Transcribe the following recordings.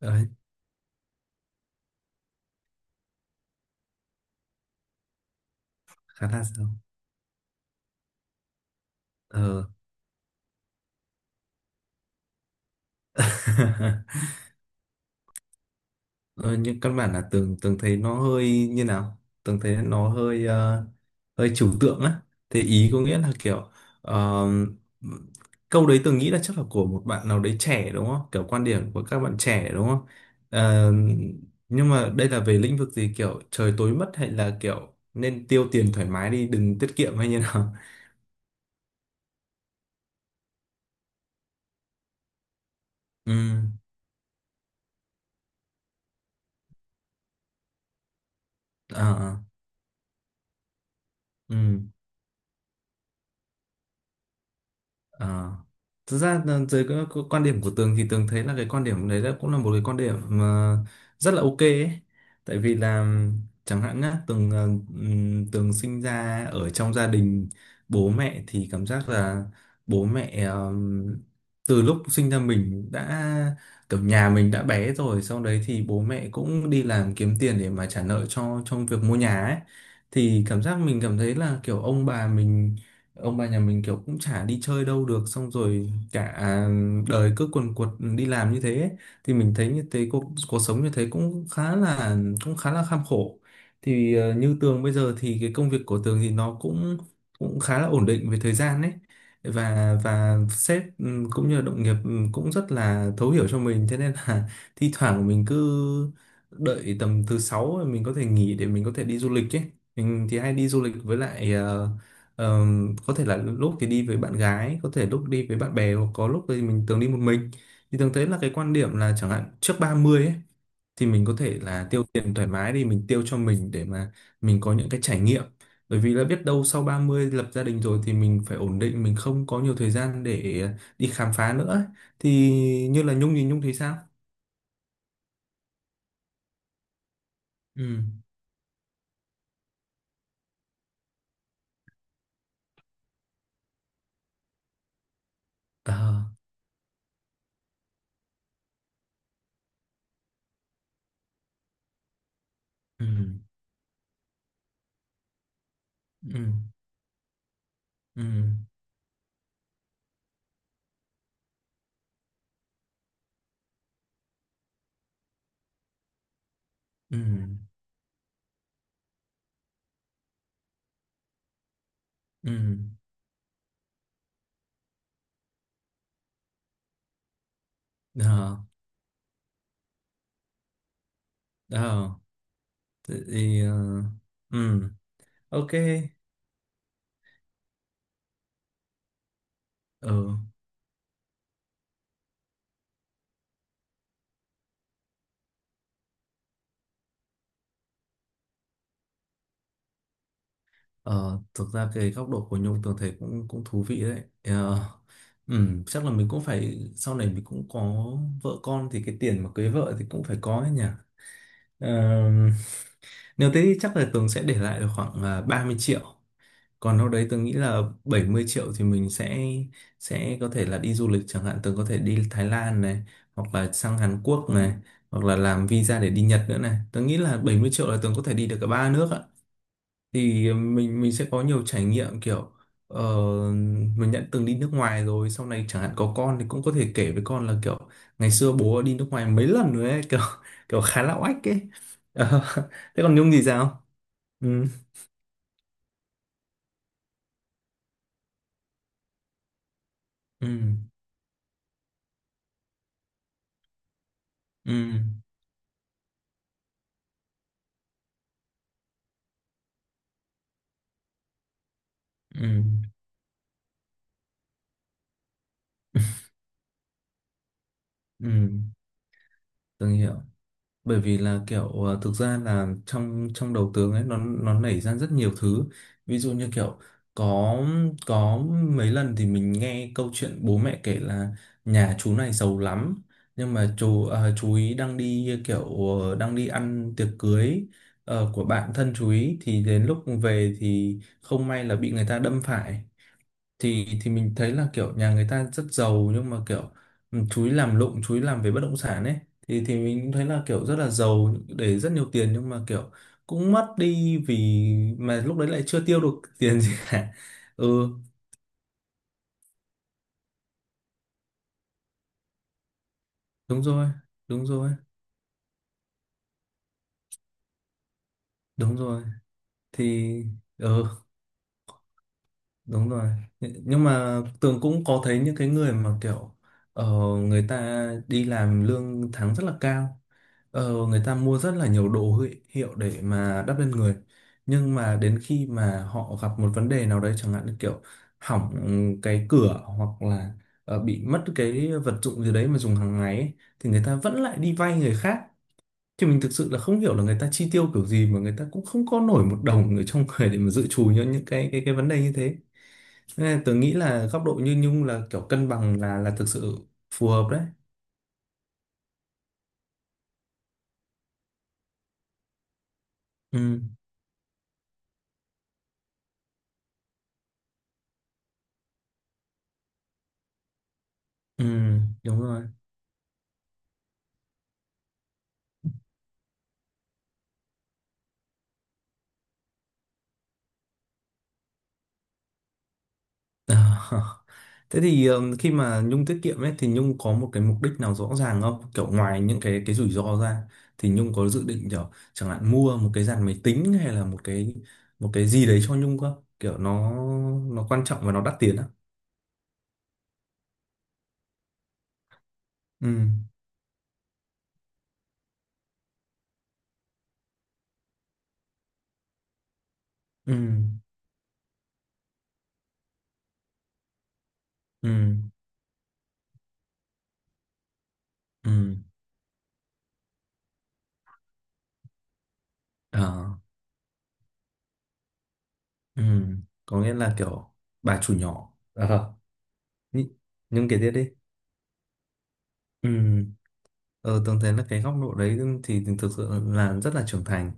Đấy, khá là sao? ờ Ờ, nhưng căn bản là tường tường thấy nó hơi như nào, Tường thấy nó hơi hơi trừu tượng á. Thế ý có nghĩa là kiểu ờ, câu đấy Tường nghĩ là chắc là của một bạn nào đấy trẻ đúng không, kiểu quan điểm của các bạn trẻ đúng không? Ờ, nhưng mà đây là về lĩnh vực gì, kiểu trời tối mất hay là kiểu nên tiêu tiền thoải mái đi đừng tiết kiệm hay như nào? Ừ. Ờ. Ờ. Ừ. Ờ. Thực ra là dưới cái quan điểm của Tường thì Tường thấy là cái quan điểm đấy là cũng là một cái quan điểm mà rất là ok ấy. Tại vì là chẳng hạn nhá, Tường sinh ra ở trong gia đình, bố mẹ thì cảm giác là bố mẹ từ lúc sinh ra mình đã kiểu nhà mình đã bé rồi, sau đấy thì bố mẹ cũng đi làm kiếm tiền để mà trả nợ cho trong việc mua nhà ấy. Thì cảm giác mình cảm thấy là kiểu ông bà mình, ông bà nhà mình kiểu cũng chả đi chơi đâu được, xong rồi cả đời cứ quần quật đi làm như thế ấy. Thì mình thấy như thế cuộc sống như thế cũng khá là kham khổ. Thì như Tường bây giờ thì cái công việc của Tường thì nó cũng cũng khá là ổn định về thời gian ấy, và sếp, ừ, cũng như là đồng nghiệp, ừ, cũng rất là thấu hiểu cho mình, thế nên là thi thoảng mình cứ đợi tầm thứ sáu mình có thể nghỉ để mình có thể đi du lịch ấy. Mình thì hay đi du lịch với lại Ờ, có thể là lúc thì đi với bạn gái, có thể lúc đi với bạn bè hoặc có lúc thì mình thường đi một mình. Thì thường thấy là cái quan điểm là chẳng hạn trước 30 ấy, thì mình có thể là tiêu tiền thoải mái đi, mình tiêu cho mình để mà mình có những cái trải nghiệm, bởi vì là biết đâu sau 30 lập gia đình rồi thì mình phải ổn định, mình không có nhiều thời gian để đi khám phá nữa ấy. Thì như là Nhung thì Nhung thấy sao? Ừ. Ờ. Ừ. Ừ. Ừ. Ừ. Ừ. Ờ. Ờ. Thế thì ừ, ok, ừ, ờ, thực ra cái góc độ của Nhung tưởng thấy cũng cũng thú vị đấy. Ờ, chắc là mình cũng phải sau này mình cũng có vợ con thì cái tiền mà cưới vợ thì cũng phải có ấy nhỉ. Ờ, nếu thế thì chắc là Tường sẽ để lại được khoảng 30 triệu, còn đâu đấy tôi nghĩ là 70 triệu thì mình sẽ có thể là đi du lịch, chẳng hạn tôi có thể đi Thái Lan này, hoặc là sang Hàn Quốc này, hoặc là làm visa để đi Nhật nữa này. Tôi nghĩ là 70 triệu là tôi có thể đi được cả ba nước ạ. Thì mình sẽ có nhiều trải nghiệm, kiểu ờ, mình đã từng đi nước ngoài rồi, sau này chẳng hạn có con thì cũng có thể kể với con là kiểu ngày xưa bố đi nước ngoài mấy lần rồi ấy kiểu kiểu khá là oách ấy. Ờ, thế còn Nhung thì sao? Ừ. Ừ. Ừ. Ừ. Ừ. Ừ, Tường hiểu. Bởi vì là kiểu thực ra là trong trong đầu Tường ấy nó nảy ra rất nhiều thứ. Ví dụ như kiểu có có mấy lần thì mình nghe câu chuyện bố mẹ kể là nhà chú này giàu lắm, nhưng mà chú ý đang đi kiểu đang đi ăn tiệc cưới của bạn thân chú ý, thì đến lúc về thì không may là bị người ta đâm phải. Thì mình thấy là kiểu nhà người ta rất giàu nhưng mà kiểu, ừ, chú ý làm lụng, chú ý làm về bất động sản ấy. Thì mình cũng thấy là kiểu rất là giàu, để rất nhiều tiền nhưng mà kiểu cũng mất đi, vì mà lúc đấy lại chưa tiêu được tiền gì cả. Ừ. Đúng rồi. Đúng rồi. Đúng rồi. Thì, ừ. Đúng rồi. Nhưng mà Tường cũng có thấy những cái người mà kiểu, ờ, người ta đi làm lương tháng rất là cao. Ờ, người ta mua rất là nhiều đồ hiệu để mà đắp lên người. Nhưng mà đến khi mà họ gặp một vấn đề nào đấy chẳng hạn như kiểu hỏng cái cửa hoặc là bị mất cái vật dụng gì đấy mà dùng hàng ngày ấy, thì người ta vẫn lại đi vay người khác. Thì mình thực sự là không hiểu là người ta chi tiêu kiểu gì mà người ta cũng không có nổi một đồng ở trong người để mà dự trù cho những cái vấn đề như thế. Thế nên tớ nghĩ là góc độ như Nhung là kiểu cân bằng là thực sự phù hợp đấy. Ừ, ừ, đúng rồi. Thế thì khi mà Nhung tiết kiệm ấy thì Nhung có một cái mục đích nào rõ ràng không? Kiểu ngoài những cái rủi ro ra thì Nhung có dự định kiểu chẳng hạn mua một cái dàn máy tính hay là một cái gì đấy cho Nhung không? Kiểu nó quan trọng và nó đắt tiền á. Ừ, ừ, ừ, ừ. Ờ, ừ. Có nghĩa là kiểu bà chủ nhỏ. Ờ. Nhị- nhưng kể tiếp đi. Ừ. ờ, Tường thấy là cái góc độ đấy thì thực sự là rất là trưởng thành.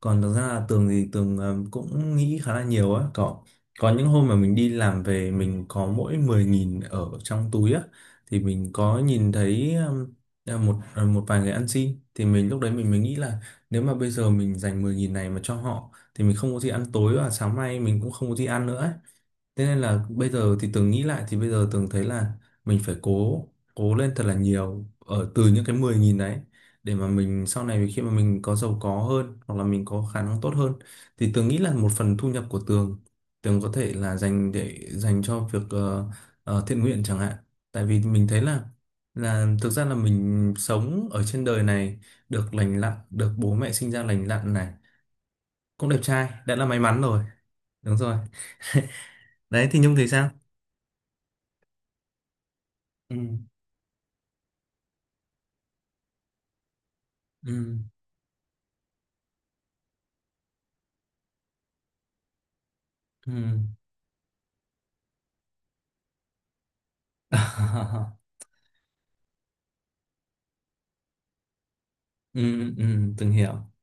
Còn thực ra là Tường thì Tường cũng nghĩ khá là nhiều á, có những hôm mà mình đi làm về mình có mỗi 10.000 ở trong túi á, thì mình có nhìn thấy một vài người ăn xin, thì mình lúc đấy mình mới nghĩ là nếu mà bây giờ mình dành 10.000 này mà cho họ thì mình không có gì ăn tối và sáng mai mình cũng không có gì ăn nữa ấy. Thế nên là bây giờ thì Tường nghĩ lại, thì bây giờ Tường thấy là mình phải cố cố lên thật là nhiều ở từ những cái 10.000 đấy, để mà mình sau này khi mà mình có giàu có hơn hoặc là mình có khả năng tốt hơn, thì Tường nghĩ là một phần thu nhập của Tường, Tường có thể là dành để dành cho việc thiện nguyện chẳng hạn, tại vì mình thấy là thực ra là mình sống ở trên đời này, được lành lặn, được bố mẹ sinh ra lành lặn này, cũng đẹp trai, đã là may mắn rồi. Đúng rồi. Đấy thì Nhung thì sao? Ừ. Ừ. Ừ. Ừ, ừ, từng hiểu.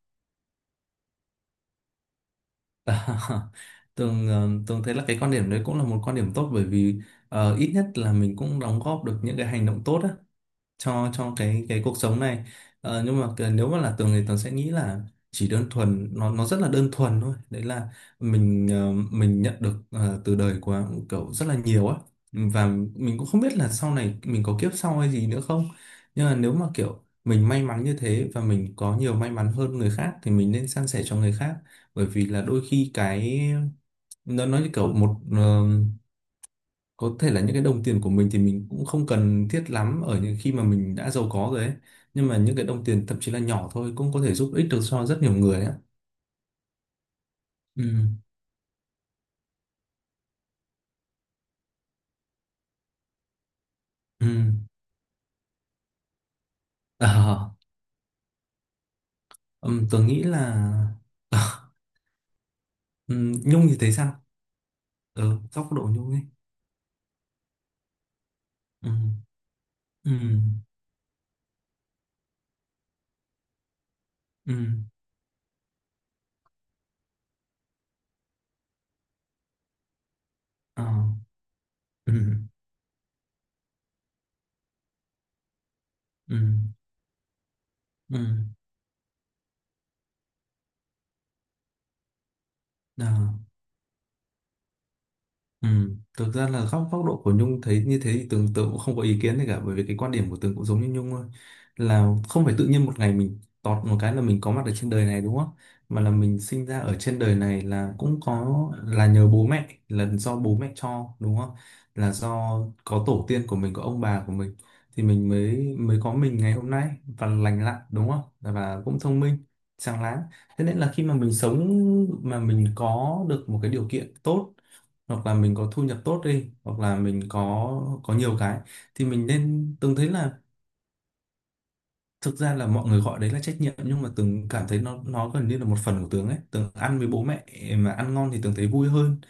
Và từng từng thấy là cái quan điểm đấy cũng là một quan điểm tốt, bởi vì ít nhất là mình cũng đóng góp được những cái hành động tốt á cho cái cuộc sống này. Nhưng mà nếu mà là Tường thì Tường sẽ nghĩ là chỉ đơn thuần, nó rất là đơn thuần thôi, đấy là mình mình nhận được từ đời của cậu rất là nhiều á, và mình cũng không biết là sau này mình có kiếp sau hay gì nữa không, nhưng mà nếu mà kiểu mình may mắn như thế và mình có nhiều may mắn hơn người khác thì mình nên san sẻ cho người khác, bởi vì là đôi khi cái nó nói như kiểu một, có thể là những cái đồng tiền của mình thì mình cũng không cần thiết lắm ở những khi mà mình đã giàu có rồi ấy, nhưng mà những cái đồng tiền thậm chí là nhỏ thôi cũng có thể giúp ích được cho rất nhiều người ạ. Ừ. Ừ. à, Tớ nghĩ là Nhung thì thấy sao? Góc độ Nhung ấy. Ừ. Ừ. Ừ. À. Ừ. Ừ. Ừ. À. Ừ, thực ra là góc góc độ của Nhung thấy như thế thì Tường Tường cũng không có ý kiến gì cả, bởi vì cái quan điểm của Tường cũng giống như Nhung thôi. Là không phải tự nhiên một ngày mình tọt một cái là mình có mặt ở trên đời này đúng không, mà là mình sinh ra ở trên đời này là cũng có, là nhờ bố mẹ, là do bố mẹ cho đúng không, là do có tổ tiên của mình, có ông bà của mình thì mình mới mới có mình ngày hôm nay và lành lặn đúng không, và cũng thông minh sáng láng. Thế nên là khi mà mình sống mà mình có được một cái điều kiện tốt hoặc là mình có thu nhập tốt đi hoặc là mình có nhiều cái, thì mình nên, Tường thấy là thực ra là mọi người gọi đấy là trách nhiệm nhưng mà Tường cảm thấy nó gần như là một phần của Tường ấy. Tường ăn với bố mẹ mà ăn ngon thì Tường thấy vui hơn,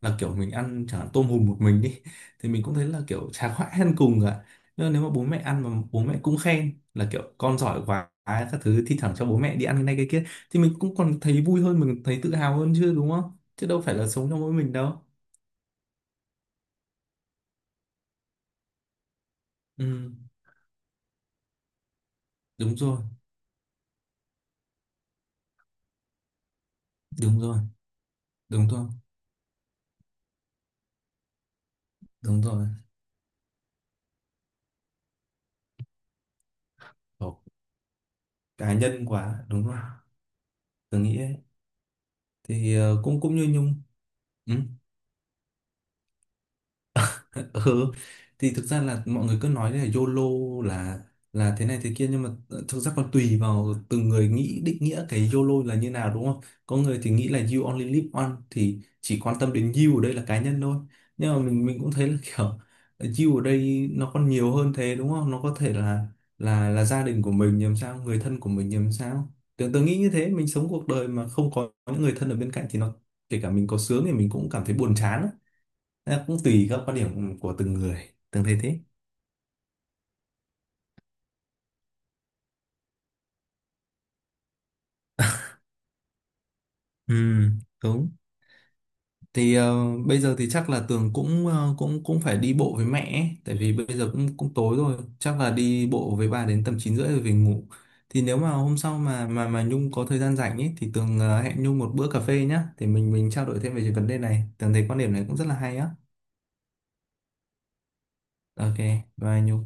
là kiểu mình ăn chẳng hạn tôm hùm một mình đi thì mình cũng thấy là kiểu chả khoái ăn cùng cả. Nhưng mà nếu mà bố mẹ ăn mà bố mẹ cũng khen là kiểu con giỏi quá các thứ, thi thoảng cho bố mẹ đi ăn cái này cái kia, thì mình cũng còn thấy vui hơn, mình thấy tự hào hơn chứ đúng không, chứ đâu phải là sống cho mỗi mình đâu. Ừ. Đúng rồi. Đúng rồi. Đúng rồi. Đúng rồi. Học cá nhân quá, đúng rồi, tớ nghĩ ấy. Thì cũng cũng như Nhung. Ừ. Ừ, thì thực ra là mọi người cứ nói là YOLO là là thế này thế kia, nhưng mà thực ra còn tùy vào từng người nghĩ, định nghĩa cái YOLO là như nào đúng không. Có người thì nghĩ là you only live once thì chỉ quan tâm đến you ở đây là cá nhân thôi, nhưng mà mình cũng thấy là kiểu you ở đây nó còn nhiều hơn thế đúng không, nó có thể là gia đình của mình làm sao, người thân của mình làm sao, tưởng tôi nghĩ như thế, mình sống cuộc đời mà không có những người thân ở bên cạnh thì nó, kể cả mình có sướng thì mình cũng cảm thấy buồn chán. Nó cũng tùy các quan điểm của từng người, Tường thấy thế. Ừ, đúng. Thì bây giờ thì chắc là Tường cũng cũng cũng phải đi bộ với mẹ ấy. Tại vì bây giờ cũng cũng tối rồi, chắc là đi bộ với bà đến tầm 9h30 rồi về ngủ. Thì nếu mà hôm sau mà Nhung có thời gian rảnh ấy thì Tường hẹn Nhung một bữa cà phê nhá, thì mình trao đổi thêm về cái vấn đề này. Tường thấy quan điểm này cũng rất là hay á. Ok, bye Nhung.